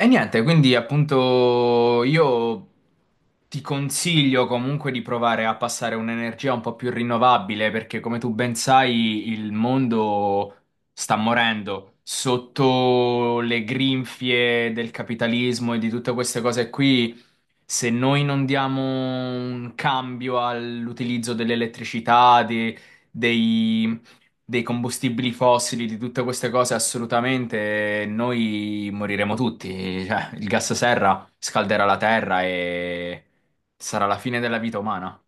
E niente, quindi appunto io ti consiglio comunque di provare a passare un'energia un po' più rinnovabile perché come tu ben sai il mondo sta morendo sotto le grinfie del capitalismo e di tutte queste cose qui se noi non diamo un cambio all'utilizzo dell'elettricità, dei, dei combustibili fossili, di tutte queste cose, assolutamente noi moriremo tutti. Cioè, il gas serra scalderà la terra e sarà la fine della vita umana.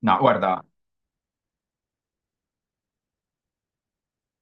No, guarda.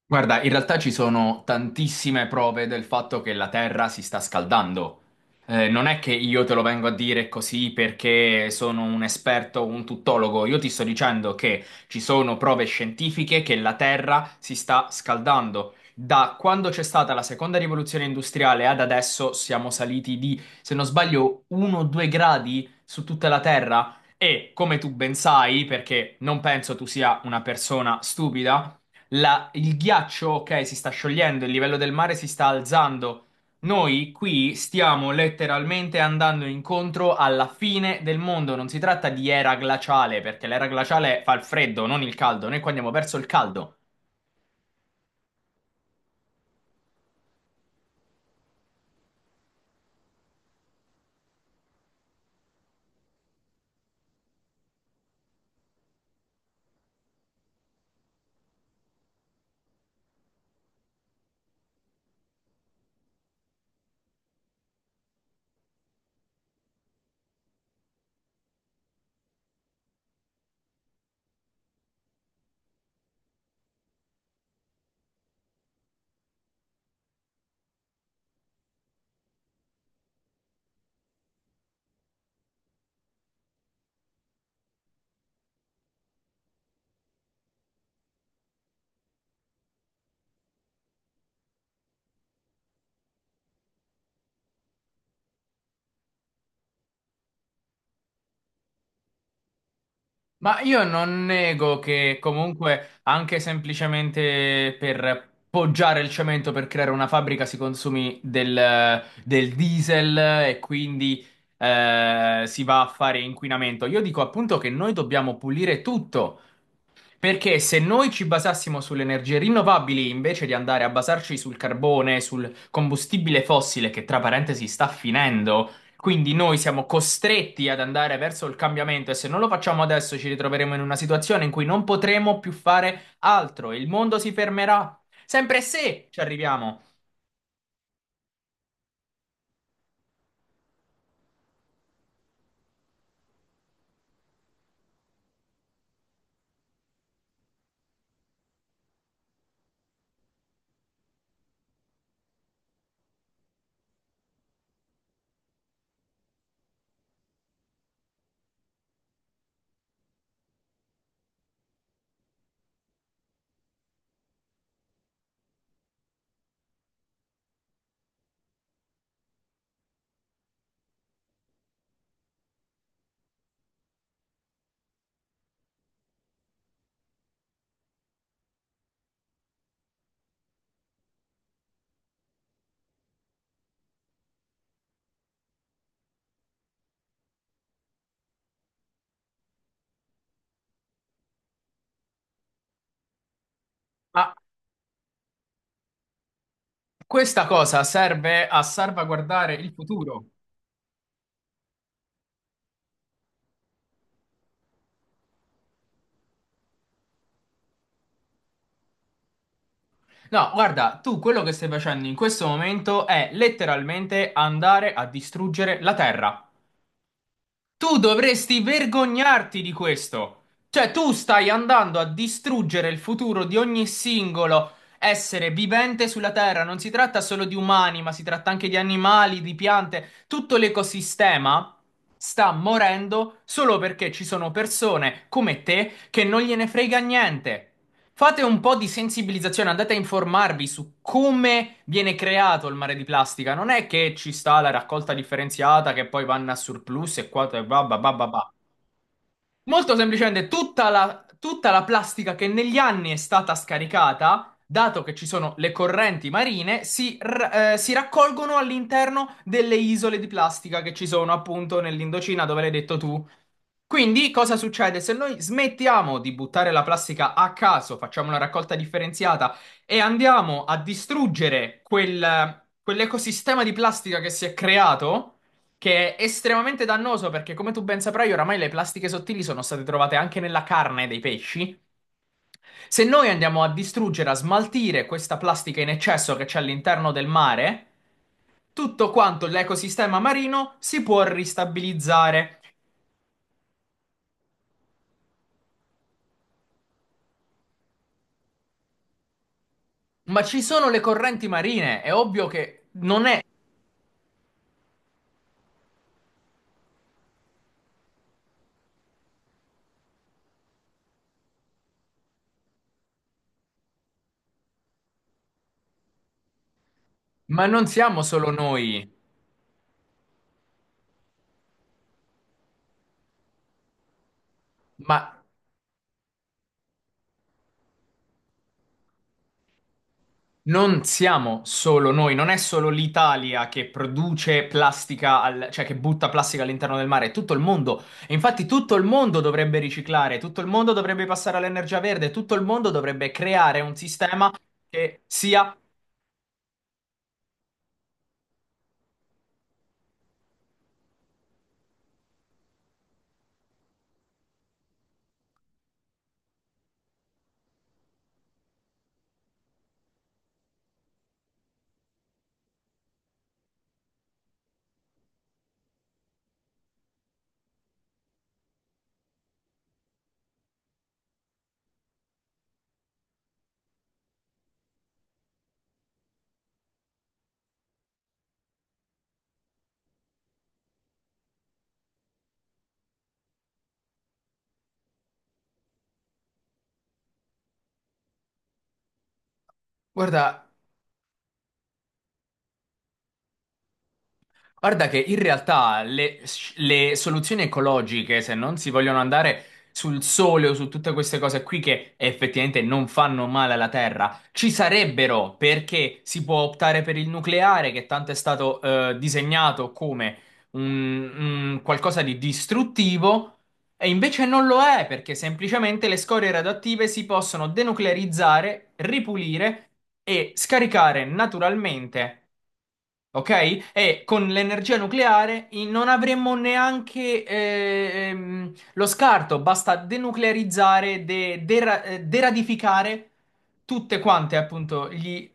Guarda, in realtà ci sono tantissime prove del fatto che la Terra si sta scaldando. Non è che io te lo vengo a dire così perché sono un esperto, un tuttologo. Io ti sto dicendo che ci sono prove scientifiche che la Terra si sta scaldando. Da quando c'è stata la seconda rivoluzione industriale ad adesso siamo saliti di, se non sbaglio, 1-2 gradi su tutta la Terra. E come tu ben sai, perché non penso tu sia una persona stupida il ghiaccio, ok, si sta sciogliendo, il livello del mare si sta alzando. Noi qui stiamo letteralmente andando incontro alla fine del mondo. Non si tratta di era glaciale, perché l'era glaciale fa il freddo, non il caldo. Noi qua andiamo verso il caldo. Ma io non nego che comunque anche semplicemente per poggiare il cemento per creare una fabbrica si consumi del diesel e quindi si va a fare inquinamento. Io dico appunto che noi dobbiamo pulire tutto. Perché se noi ci basassimo sulle energie rinnovabili invece di andare a basarci sul carbone, sul combustibile fossile che tra parentesi sta finendo, quindi noi siamo costretti ad andare verso il cambiamento e se non lo facciamo adesso ci ritroveremo in una situazione in cui non potremo più fare altro, il mondo si fermerà, sempre se ci arriviamo. Ma questa cosa serve a salvaguardare il futuro. No, guarda, tu quello che stai facendo in questo momento è letteralmente andare a distruggere la Terra. Tu dovresti vergognarti di questo. Cioè, tu stai andando a distruggere il futuro di ogni singolo essere vivente sulla Terra. Non si tratta solo di umani, ma si tratta anche di animali, di piante. Tutto l'ecosistema sta morendo solo perché ci sono persone come te che non gliene frega niente. Fate un po' di sensibilizzazione, andate a informarvi su come viene creato il mare di plastica. Non è che ci sta la raccolta differenziata che poi vanno a surplus e qua e va, va, va, va, va. Molto semplicemente, tutta la plastica che negli anni è stata scaricata, dato che ci sono le correnti marine, si raccolgono all'interno delle isole di plastica che ci sono appunto nell'Indocina, dove l'hai detto tu. Quindi cosa succede? Se noi smettiamo di buttare la plastica a caso, facciamo una raccolta differenziata e andiamo a distruggere quell'ecosistema di plastica che si è creato, che è estremamente dannoso perché come tu ben saprai oramai le plastiche sottili sono state trovate anche nella carne dei pesci. Se noi andiamo a distruggere, a smaltire questa plastica in eccesso che c'è all'interno del mare, tutto quanto l'ecosistema marino si può ristabilizzare. Ma ci sono le correnti marine, è ovvio che non è, ma non siamo solo noi, ma non siamo solo noi, non è solo l'Italia che produce plastica, cioè che butta plastica all'interno del mare, è tutto il mondo. E infatti tutto il mondo dovrebbe riciclare, tutto il mondo dovrebbe passare all'energia verde, tutto il mondo dovrebbe creare un sistema che sia, guarda. Guarda che in realtà le soluzioni ecologiche, se non si vogliono andare sul sole o su tutte queste cose qui che effettivamente non fanno male alla Terra, ci sarebbero perché si può optare per il nucleare, che tanto è stato disegnato come un, un qualcosa di distruttivo, e invece non lo è perché semplicemente le scorie radioattive si possono denuclearizzare, ripulire e scaricare naturalmente. Ok? E con l'energia nucleare non avremmo neanche lo scarto, basta denuclearizzare, deradificare tutte quante, appunto, gli...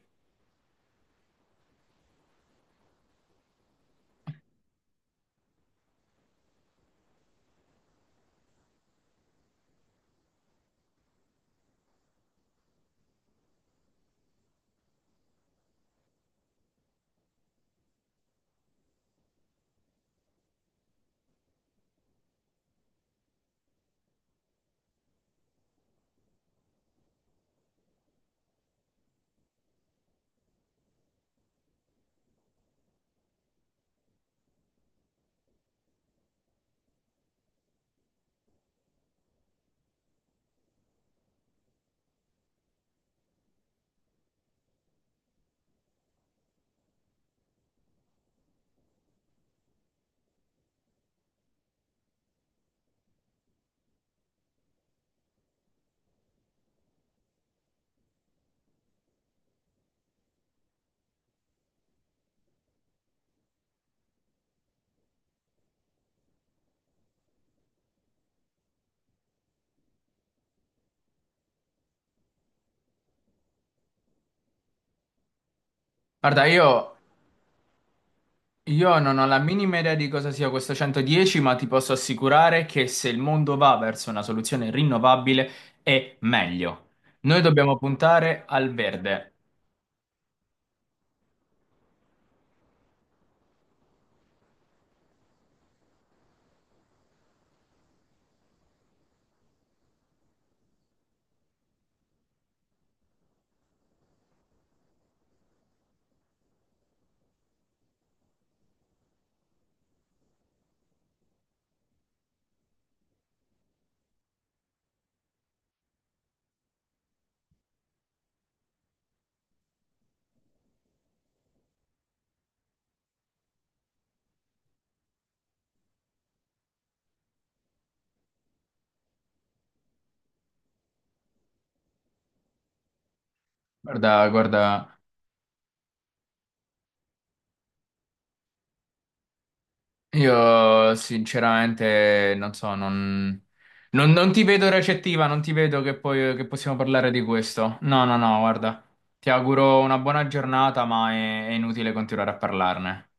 Guarda, io non ho la minima idea di cosa sia questo 110, ma ti posso assicurare che se il mondo va verso una soluzione rinnovabile è meglio. Noi dobbiamo puntare al verde. Guarda, guarda. Io sinceramente non ti vedo recettiva, non ti vedo che, poi, che possiamo parlare di questo. No, no, no, guarda, ti auguro una buona giornata, ma è inutile continuare a parlarne.